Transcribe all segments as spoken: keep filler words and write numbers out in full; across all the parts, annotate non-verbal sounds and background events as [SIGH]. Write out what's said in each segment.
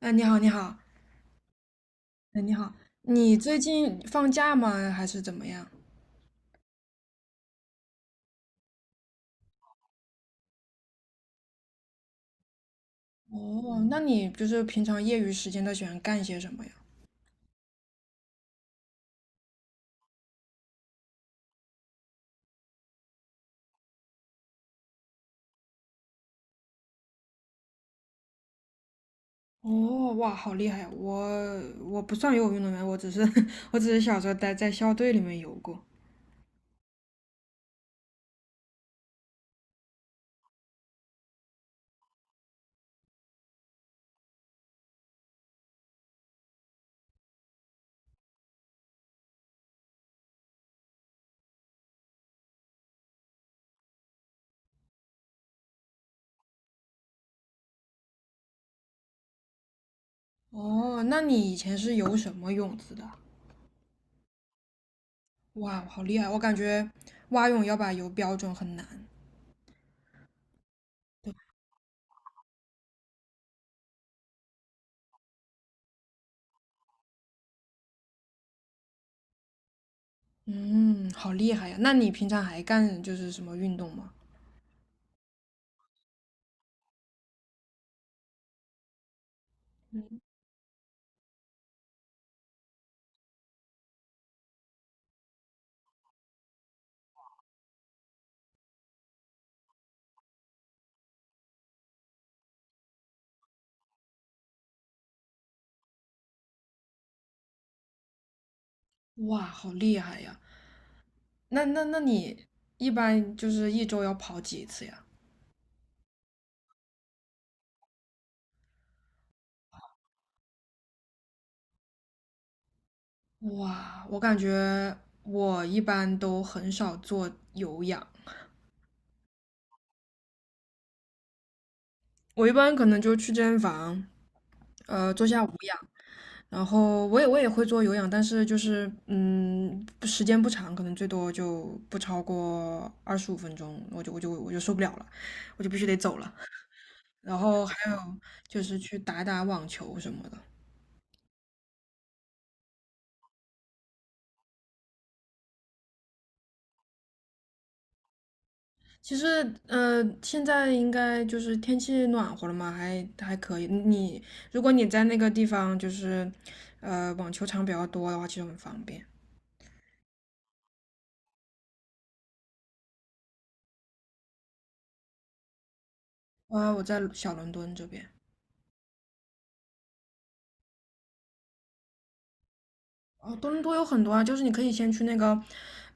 哎，你好，你好，哎，你好，你最近放假吗？还是怎么样？哦，那你就是平常业余时间都喜欢干些什么呀？哦，哇，好厉害！我我不算游泳运动员，我只是 [LAUGHS] 我只是小时候待在校队里面游过。哦，那你以前是游什么泳姿的？哇，好厉害！我感觉蛙泳要把游标准很难。嗯，好厉害呀！那你平常还干就是什么运动吗？哇，好厉害呀！那那那你一般就是一周要跑几次呀？哇，我感觉我一般都很少做有氧。我一般可能就去健身房，呃，做下无氧，然后我也我也会做有氧，但是就是嗯，不时间不长，可能最多就不超过二十五分钟，我就我就我就受不了了，我就必须得走了。然后还有就是去打打网球什么的。其实，呃，现在应该就是天气暖和了嘛，还还可以。你如果你在那个地方就是，呃，网球场比较多的话，其实很方便。啊，我在小伦敦这边。哦，多伦多有很多啊，就是你可以先去那个，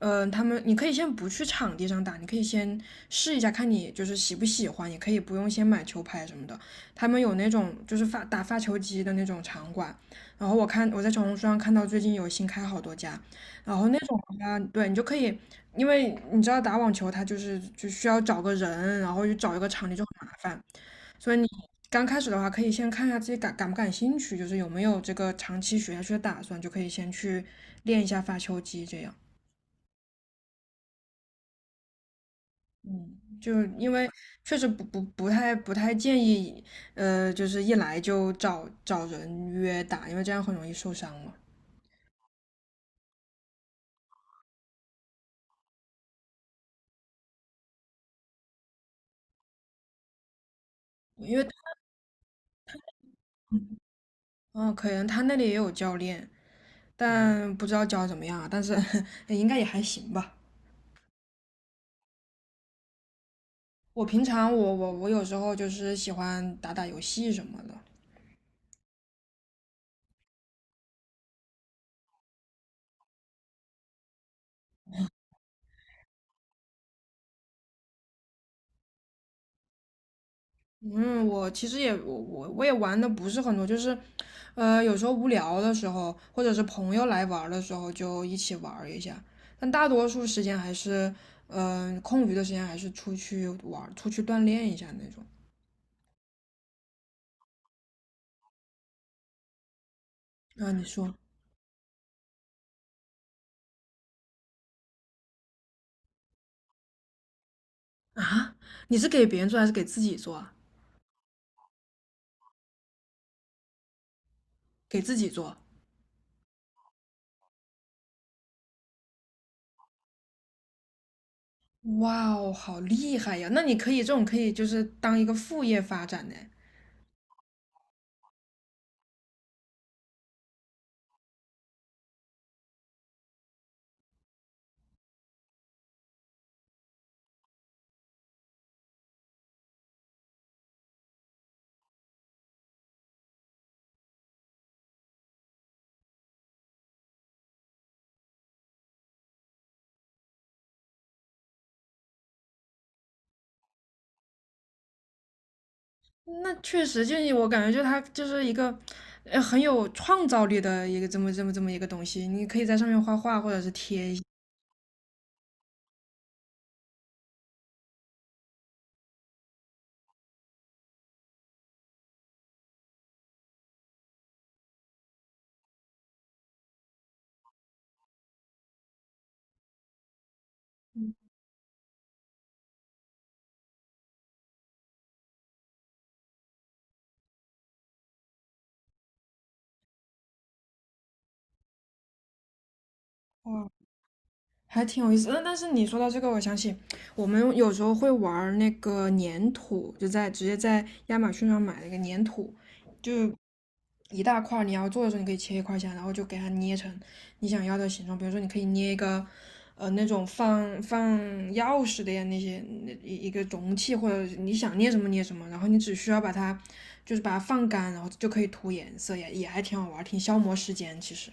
嗯、他们你可以先不去场地上打，你可以先试一下，看你就是喜不喜欢，也可以不用先买球拍什么的。他们有那种就是发打发球机的那种场馆，然后我看我在小红书上看到最近有新开好多家，然后那种的话，对你就可以。因为你知道打网球它就是就需要找个人，然后就找一个场地就很麻烦。所以你刚开始的话，可以先看一下自己感感不感兴趣，就是有没有这个长期学下去的打算，就可以先去练一下发球机这样。嗯，就是因为确实不不不太不太建议，呃，就是一来就找找人约打，因为这样很容易受伤嘛。因为嗯，可能他那里也有教练，但不知道教得怎么样啊，但是 [LAUGHS] 应该也还行吧。我平常我我我有时候就是喜欢打打游戏什么的。嗯，我其实也我我我也玩的不是很多，就是，呃，有时候无聊的时候，或者是朋友来玩儿的时候，就一起玩儿一下。但大多数时间还是，嗯、空余的时间还是出去玩儿出去锻炼一下那种。那你说啊？你是给别人做还是给自己做啊？给自己做。哇哦，好厉害呀！那你可以这种可以就是当一个副业发展呢。那确实，就是我感觉，就是它就是一个，呃很有创造力的一个这么这么这么一个东西。你可以在上面画画，或者是贴一些。还挺有意思的。但是你说到这个，我想起我们有时候会玩儿那个粘土，就在直接在亚马逊上买了一个粘土，就一大块儿你要做的时候你可以切一块儿下来，然后就给它捏成你想要的形状。比如说，你可以捏一个呃那种放放钥匙的呀那些那一一个容器，或者你想捏什么捏什么，然后你只需要把它就是把它放干，然后就可以涂颜色，也也还挺好玩儿挺消磨时间其实。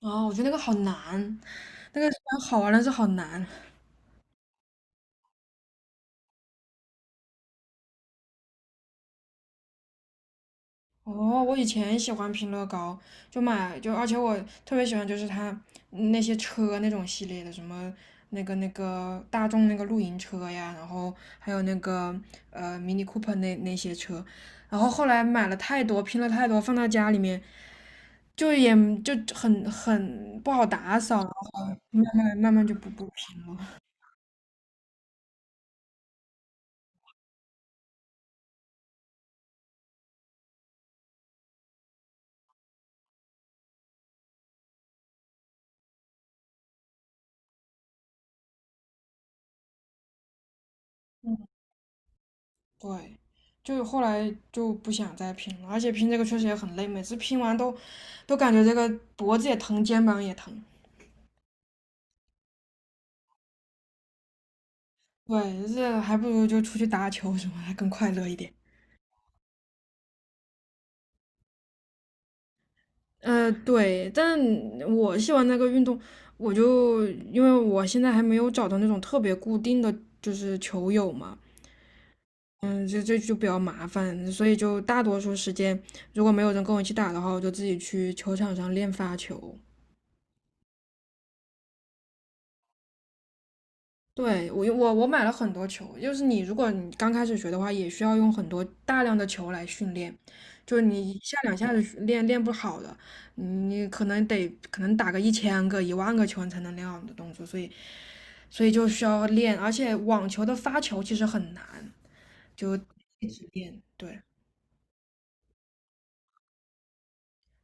啊，我觉得那个好难。那个虽然好玩，但是好难。哦，我以前喜欢拼乐高，就买就，而且我特别喜欢就是它嗯那些车那种系列的，什么那个那个大众那个露营车呀，然后还有那个呃 Mini Cooper 那那些车，然后后来买了太多，拼了太多，放到家里面就也就很很不好打扫，然后后来慢慢就不不拼了。对，就后来就不想再拼了，而且拼这个确实也很累，每次拼完都都感觉这个脖子也疼，肩膀也疼。对，这还不如就出去打球什么，还更快乐一点。呃，对，但我喜欢那个运动，我就因为我现在还没有找到那种特别固定的就是球友嘛。嗯，这这就比较麻烦，所以就大多数时间如果没有人跟我一起打的话，我就自己去球场上练发球。对，我我我买了很多球，就是你如果你刚开始学的话，也需要用很多大量的球来训练，就是你一下两下子练练不好的，你可能得可能打个一千个、一万个球你才能练好你的动作，所以所以就需要练，而且网球的发球其实很难，就一直练。对，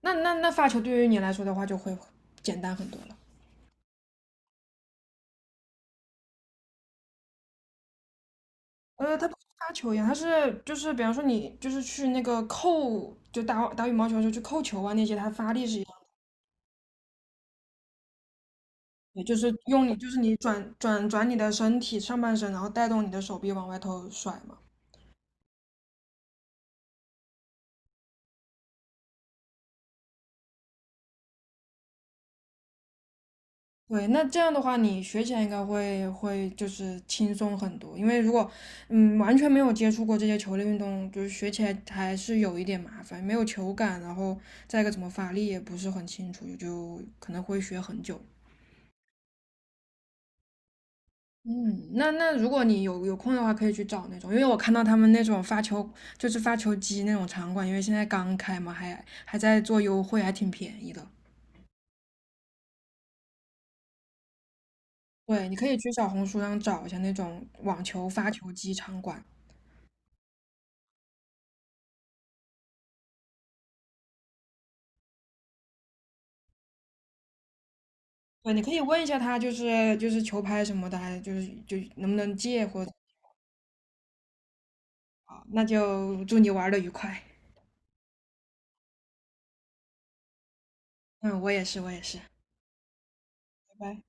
那那那发球对于你来说的话就会简单很多了。呃，它不是杀球一样，它是就是比方说你就是去那个扣，就打打羽毛球的时候去扣球啊那些，它发力是一样也就是用你就是你转转转你的身体上半身，然后带动你的手臂往外头甩嘛。对，那这样的话，你学起来应该会会就是轻松很多，因为如果嗯完全没有接触过这些球类运动，就是学起来还是有一点麻烦，没有球感，然后再一个怎么发力也不是很清楚，就可能会学很久。嗯，那那如果你有有空的话，可以去找那种，因为我看到他们那种发球，就是发球机那种场馆，因为现在刚开嘛，还还在做优惠，还挺便宜的。对，你可以去小红书上找一下那种网球发球机场馆。对，你可以问一下他，就是就是球拍什么的，还就是就能不能借或者啊那就祝你玩的愉快。嗯，我也是，我也是，拜拜。